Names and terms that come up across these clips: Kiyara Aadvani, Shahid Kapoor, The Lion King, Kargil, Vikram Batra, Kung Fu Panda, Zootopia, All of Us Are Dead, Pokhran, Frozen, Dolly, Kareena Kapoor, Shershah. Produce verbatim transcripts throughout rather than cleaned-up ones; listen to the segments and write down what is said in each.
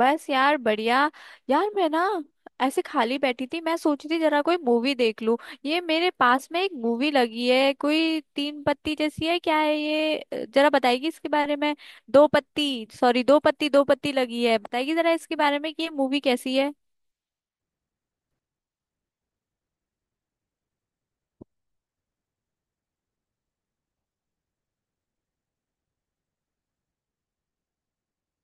बस यार बढ़िया। यार मैं ना ऐसे खाली बैठी थी। मैं सोची थी जरा कोई मूवी देख लूं। ये मेरे पास में एक मूवी लगी है, कोई तीन पत्ती जैसी है, क्या है ये? अ, जरा बताएगी इसके बारे में। दो पत्ती, सॉरी, दो पत्ती, दो पत्ती लगी है, बताएगी जरा इसके बारे में कि ये मूवी कैसी है।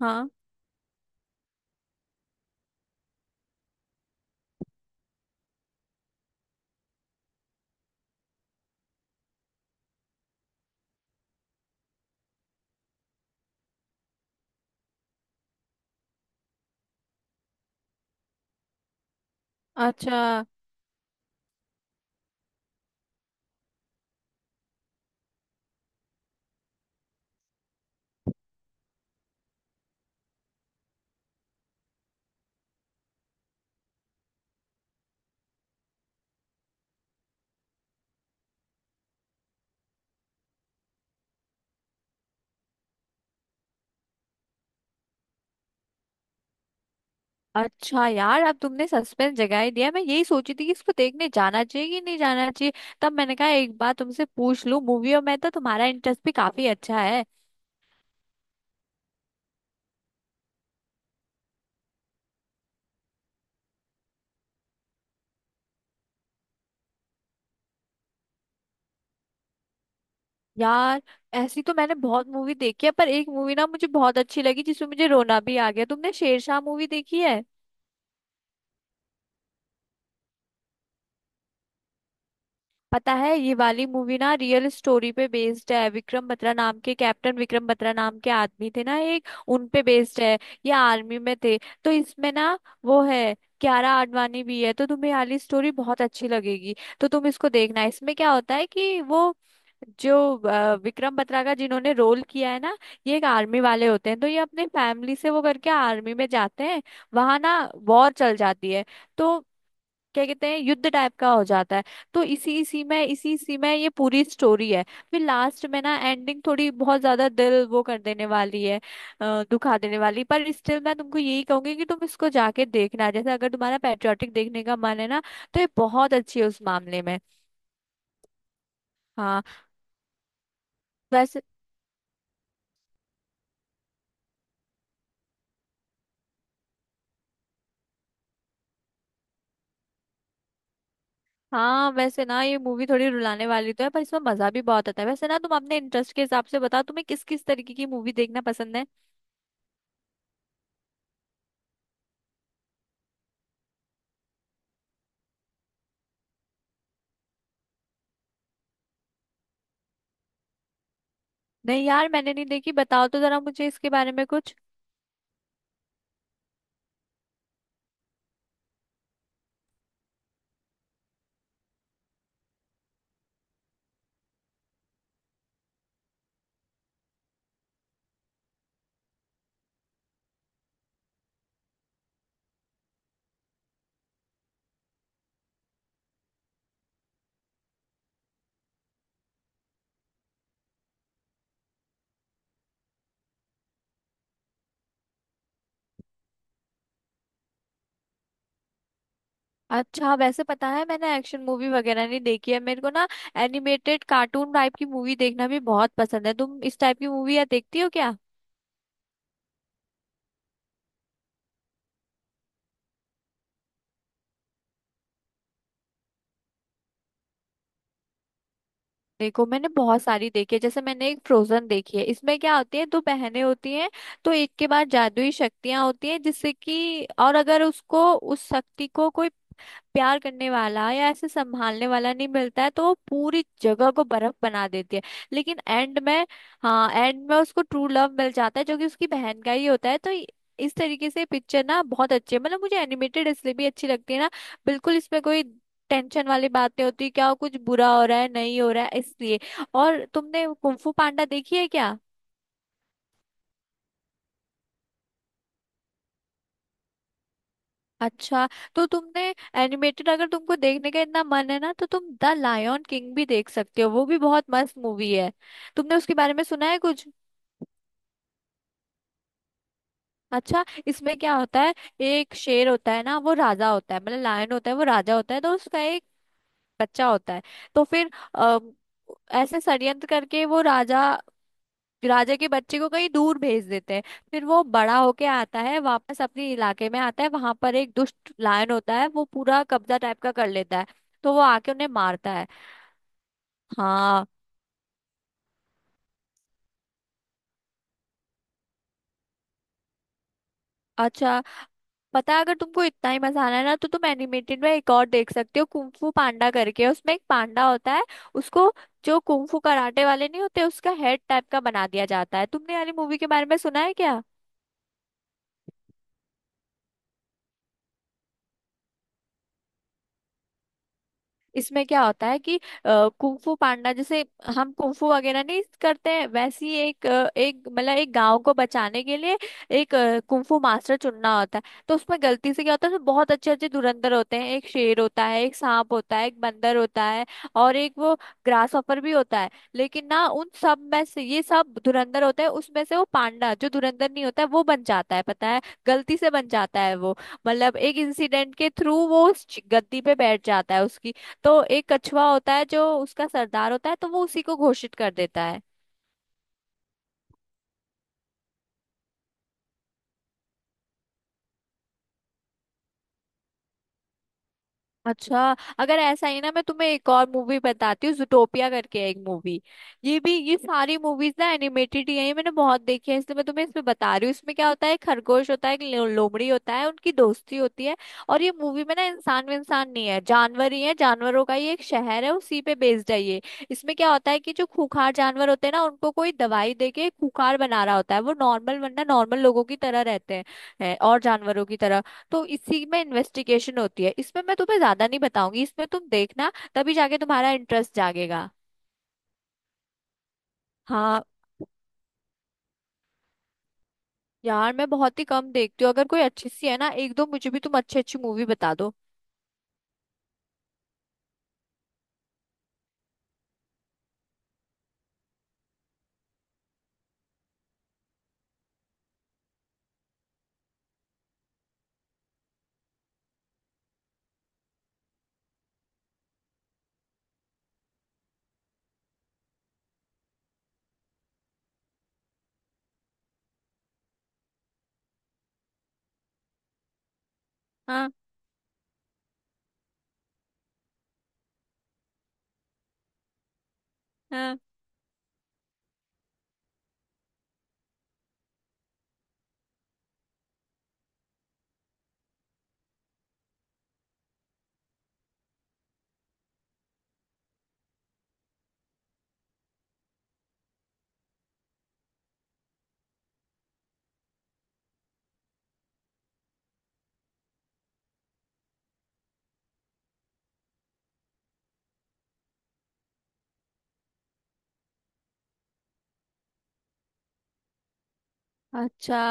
हाँ। अच्छा। अच्छा यार, अब तुमने सस्पेंस जगा ही दिया। मैं यही सोची थी कि इसको देखने जाना चाहिए कि नहीं जाना चाहिए। तब मैंने कहा एक बार तुमसे पूछ लूं मूवी, और मैं तो, तुम्हारा इंटरेस्ट भी काफी अच्छा है। यार, ऐसी तो मैंने बहुत मूवी देखी है, पर एक मूवी ना मुझे बहुत अच्छी लगी जिसमें मुझे रोना भी आ गया। तुमने शेरशाह मूवी देखी है? पता है, ये वाली मूवी ना रियल स्टोरी पे बेस्ड है। विक्रम बत्रा नाम के, कैप्टन विक्रम बत्रा नाम के आदमी थे ना एक, उन पे बेस्ड है। ये आर्मी में थे। तो इसमें ना वो है, कियारा आडवाणी भी है। तो तुम्हें वाली स्टोरी बहुत अच्छी लगेगी। तो तुम इसको देखना। इसमें क्या होता है कि वो जो अ, विक्रम बत्रा का जिन्होंने रोल किया है ना, ये एक आर्मी वाले होते हैं। तो ये अपने फैमिली से वो करके आर्मी में जाते हैं। वहां ना वॉर चल जाती है। तो क्या कहते हैं, युद्ध टाइप का हो जाता है। तो इसी इसी में इसी इसी में ये पूरी स्टोरी है। फिर लास्ट में ना एंडिंग थोड़ी बहुत ज्यादा दिल वो कर देने वाली है, अ, दुखा देने वाली। पर स्टिल मैं तुमको यही कहूंगी कि तुम इसको जाके देखना। जैसे अगर तुम्हारा पैट्रियोटिक देखने का मन है ना, तो ये बहुत अच्छी है उस मामले में। हाँ। वैसे हाँ, वैसे ना ये मूवी थोड़ी रुलाने वाली तो है, पर इसमें मजा भी बहुत आता है। वैसे ना तुम अपने इंटरेस्ट के हिसाब से बताओ, तुम्हें किस किस तरीके की मूवी देखना पसंद है? नहीं यार, मैंने नहीं देखी। बताओ तो जरा मुझे इसके बारे में कुछ। अच्छा, वैसे पता है मैंने एक्शन मूवी वगैरह नहीं देखी है। मेरे को ना एनिमेटेड कार्टून टाइप की मूवी देखना भी बहुत पसंद है। तुम इस टाइप की मूवी या देखती हो क्या? देखो, मैंने बहुत सारी देखी है। जैसे मैंने एक फ्रोजन देखी है। इसमें क्या होती है, दो बहनें होती हैं। तो एक के पास जादुई शक्तियां होती हैं जिससे कि, और अगर उसको उस शक्ति को कोई प्यार करने वाला या ऐसे संभालने वाला नहीं मिलता है, तो वो पूरी जगह को बर्फ बना देती है। लेकिन एंड में, हाँ एंड में उसको ट्रू लव मिल जाता है जो कि उसकी बहन का ही होता है। तो इ- इस तरीके से पिक्चर ना बहुत अच्छी है। मतलब मुझे एनिमेटेड इसलिए भी अच्छी लगती है ना, बिल्कुल इसमें कोई टेंशन वाली बात नहीं होती क्या कुछ बुरा हो रहा है, नहीं हो रहा है, इसलिए। और तुमने कुंफू पांडा देखी है क्या? अच्छा। तो तुमने एनिमेटेड अगर तुमको देखने का इतना मन है ना, तो तुम द लायन किंग भी देख सकते हो। वो भी बहुत मस्त मूवी है। तुमने उसके बारे में सुना है कुछ? अच्छा, इसमें क्या होता है, एक शेर होता है ना, वो राजा होता है, मतलब लायन होता है, वो राजा होता है। तो उसका एक बच्चा होता है। तो फिर अ, ऐसे षड्यंत्र करके वो राजा, राजा के बच्चे को कहीं दूर भेज देते हैं। फिर वो बड़ा होके आता है, वापस अपने इलाके में आता है। वहां पर एक दुष्ट लायन होता है, वो पूरा कब्जा टाइप का कर लेता है। तो वो आके उन्हें मारता है। हाँ। अच्छा, पता है अगर तुमको इतना ही मजा आना है ना, तो तुम एनिमेटेड में एक और देख सकते हो, कुंग फू पांडा करके। उसमें एक पांडा होता है, उसको जो कुंग फू कराटे वाले नहीं होते, उसका हेड टाइप का बना दिया जाता है। तुमने वाली मूवी के बारे में सुना है क्या? इसमें क्या होता है कि कुंफू पांडा जैसे, हम कुंफू वगैरह नहीं करते हैं वैसी, एक अ, एक मतलब एक गांव को बचाने के लिए एक कुंफू मास्टर चुनना होता है। तो उसमें गलती से क्या होता है, उसमें बहुत अच्छे अच्छे धुरंधर होते हैं। एक शेर होता है, एक सांप होता है, एक बंदर होता है, और एक वो ग्रास हॉपर भी होता है। लेकिन ना उन सब में से ये सब धुरंधर होते हैं, उसमें से वो पांडा जो धुरंधर नहीं होता है वो बन जाता है। पता है, गलती से बन जाता है वो। मतलब एक इंसिडेंट के थ्रू वो उस गद्दी पे बैठ जाता है उसकी। तो एक कछुआ होता है जो उसका सरदार होता है, तो वो उसी को घोषित कर देता है। अच्छा, अगर ऐसा ही ना मैं तुम्हें एक और मूवी बताती हूँ, जूटोपिया करके है एक मूवी। ये भी, ये सारी मूवीज ना एनिमेटेड ही है, ये मैंने बहुत देखी है इसलिए मैं तुम्हें इसमें बता रही हूँ। इसमें क्या होता है, एक खरगोश होता है, एक लो- लोमड़ी होता है, उनकी दोस्ती होती है। और ये मूवी में ना इंसान, में इंसान नहीं है, जानवर ही है, जानवरों का ये एक शहर है, उसी पे बेस्ड है ये। इसमें क्या होता है कि जो खूंखार जानवर होते हैं ना, उनको कोई दवाई दे के खूंखार बना रहा होता है। वो नॉर्मल, वरना नॉर्मल लोगों की तरह रहते हैं हैं, और जानवरों की तरह। तो इसी में इन्वेस्टिगेशन होती है। इसमें मैं तुम्हें ज्यादा नहीं बताऊंगी, इसमें तुम देखना, तभी जाके तुम्हारा इंटरेस्ट जागेगा। हाँ। यार मैं बहुत ही कम देखती हूँ। अगर कोई अच्छी सी है ना, एक दो मुझे भी तुम अच्छी अच्छी मूवी बता दो। हाँ। हाँ। अच्छा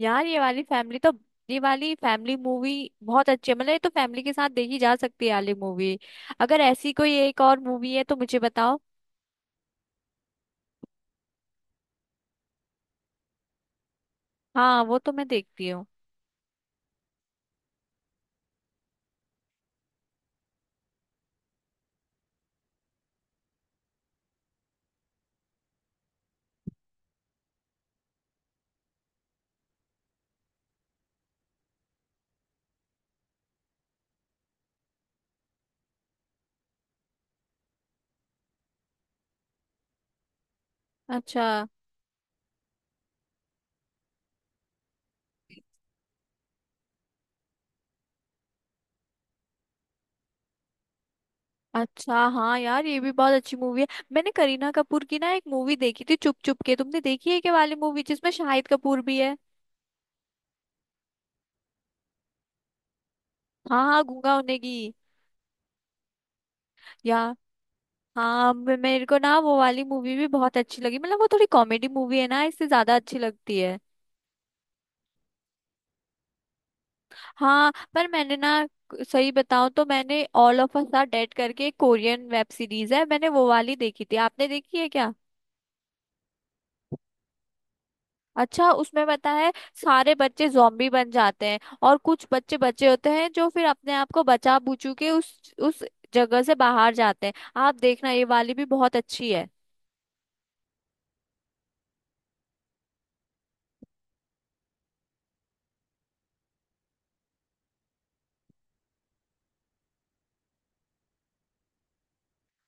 यार, ये वाली फैमिली तो, ये वाली फैमिली मूवी बहुत अच्छी है। मतलब ये तो फैमिली के साथ देखी जा सकती है ये वाली मूवी। अगर ऐसी कोई एक और मूवी है तो मुझे बताओ। हाँ, वो तो मैं देखती हूँ। अच्छा। अच्छा हाँ यार, ये भी बहुत अच्छी मूवी है। मैंने करीना कपूर की ना एक मूवी देखी थी, चुप चुप के, तुमने देखी है क्या वाली मूवी जिसमें शाहिद कपूर भी है? हाँ हाँ, गूंगा होने की। यार, हाँ मे- मेरे को ना वो वाली मूवी भी बहुत अच्छी लगी। मतलब वो थोड़ी कॉमेडी मूवी है ना, इससे ज्यादा अच्छी लगती है। हाँ, पर मैंने ना, सही बताऊं तो मैंने all of us are dead करके एक कोरियन वेब सीरीज है, मैंने वो वाली देखी थी। आपने देखी है क्या? अच्छा, उसमें पता है सारे बच्चे जॉम्बी बन जाते हैं, और कुछ बच्चे बचे होते हैं जो फिर अपने आप को बचा बुचू के उस उस जगह से बाहर जाते हैं। आप देखना ये वाली भी बहुत अच्छी है।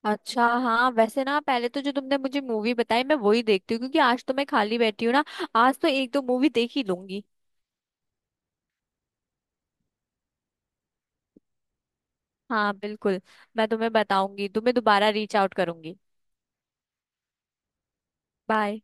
अच्छा हाँ, वैसे ना पहले तो जो तुमने मुझे मूवी बताई मैं वही देखती हूँ, क्योंकि आज तो मैं खाली बैठी हूँ ना, आज तो एक दो मूवी देख ही लूंगी। हाँ बिल्कुल। मैं तुम्हें बताऊंगी, तुम्हें दोबारा रीच आउट करूंगी। बाय।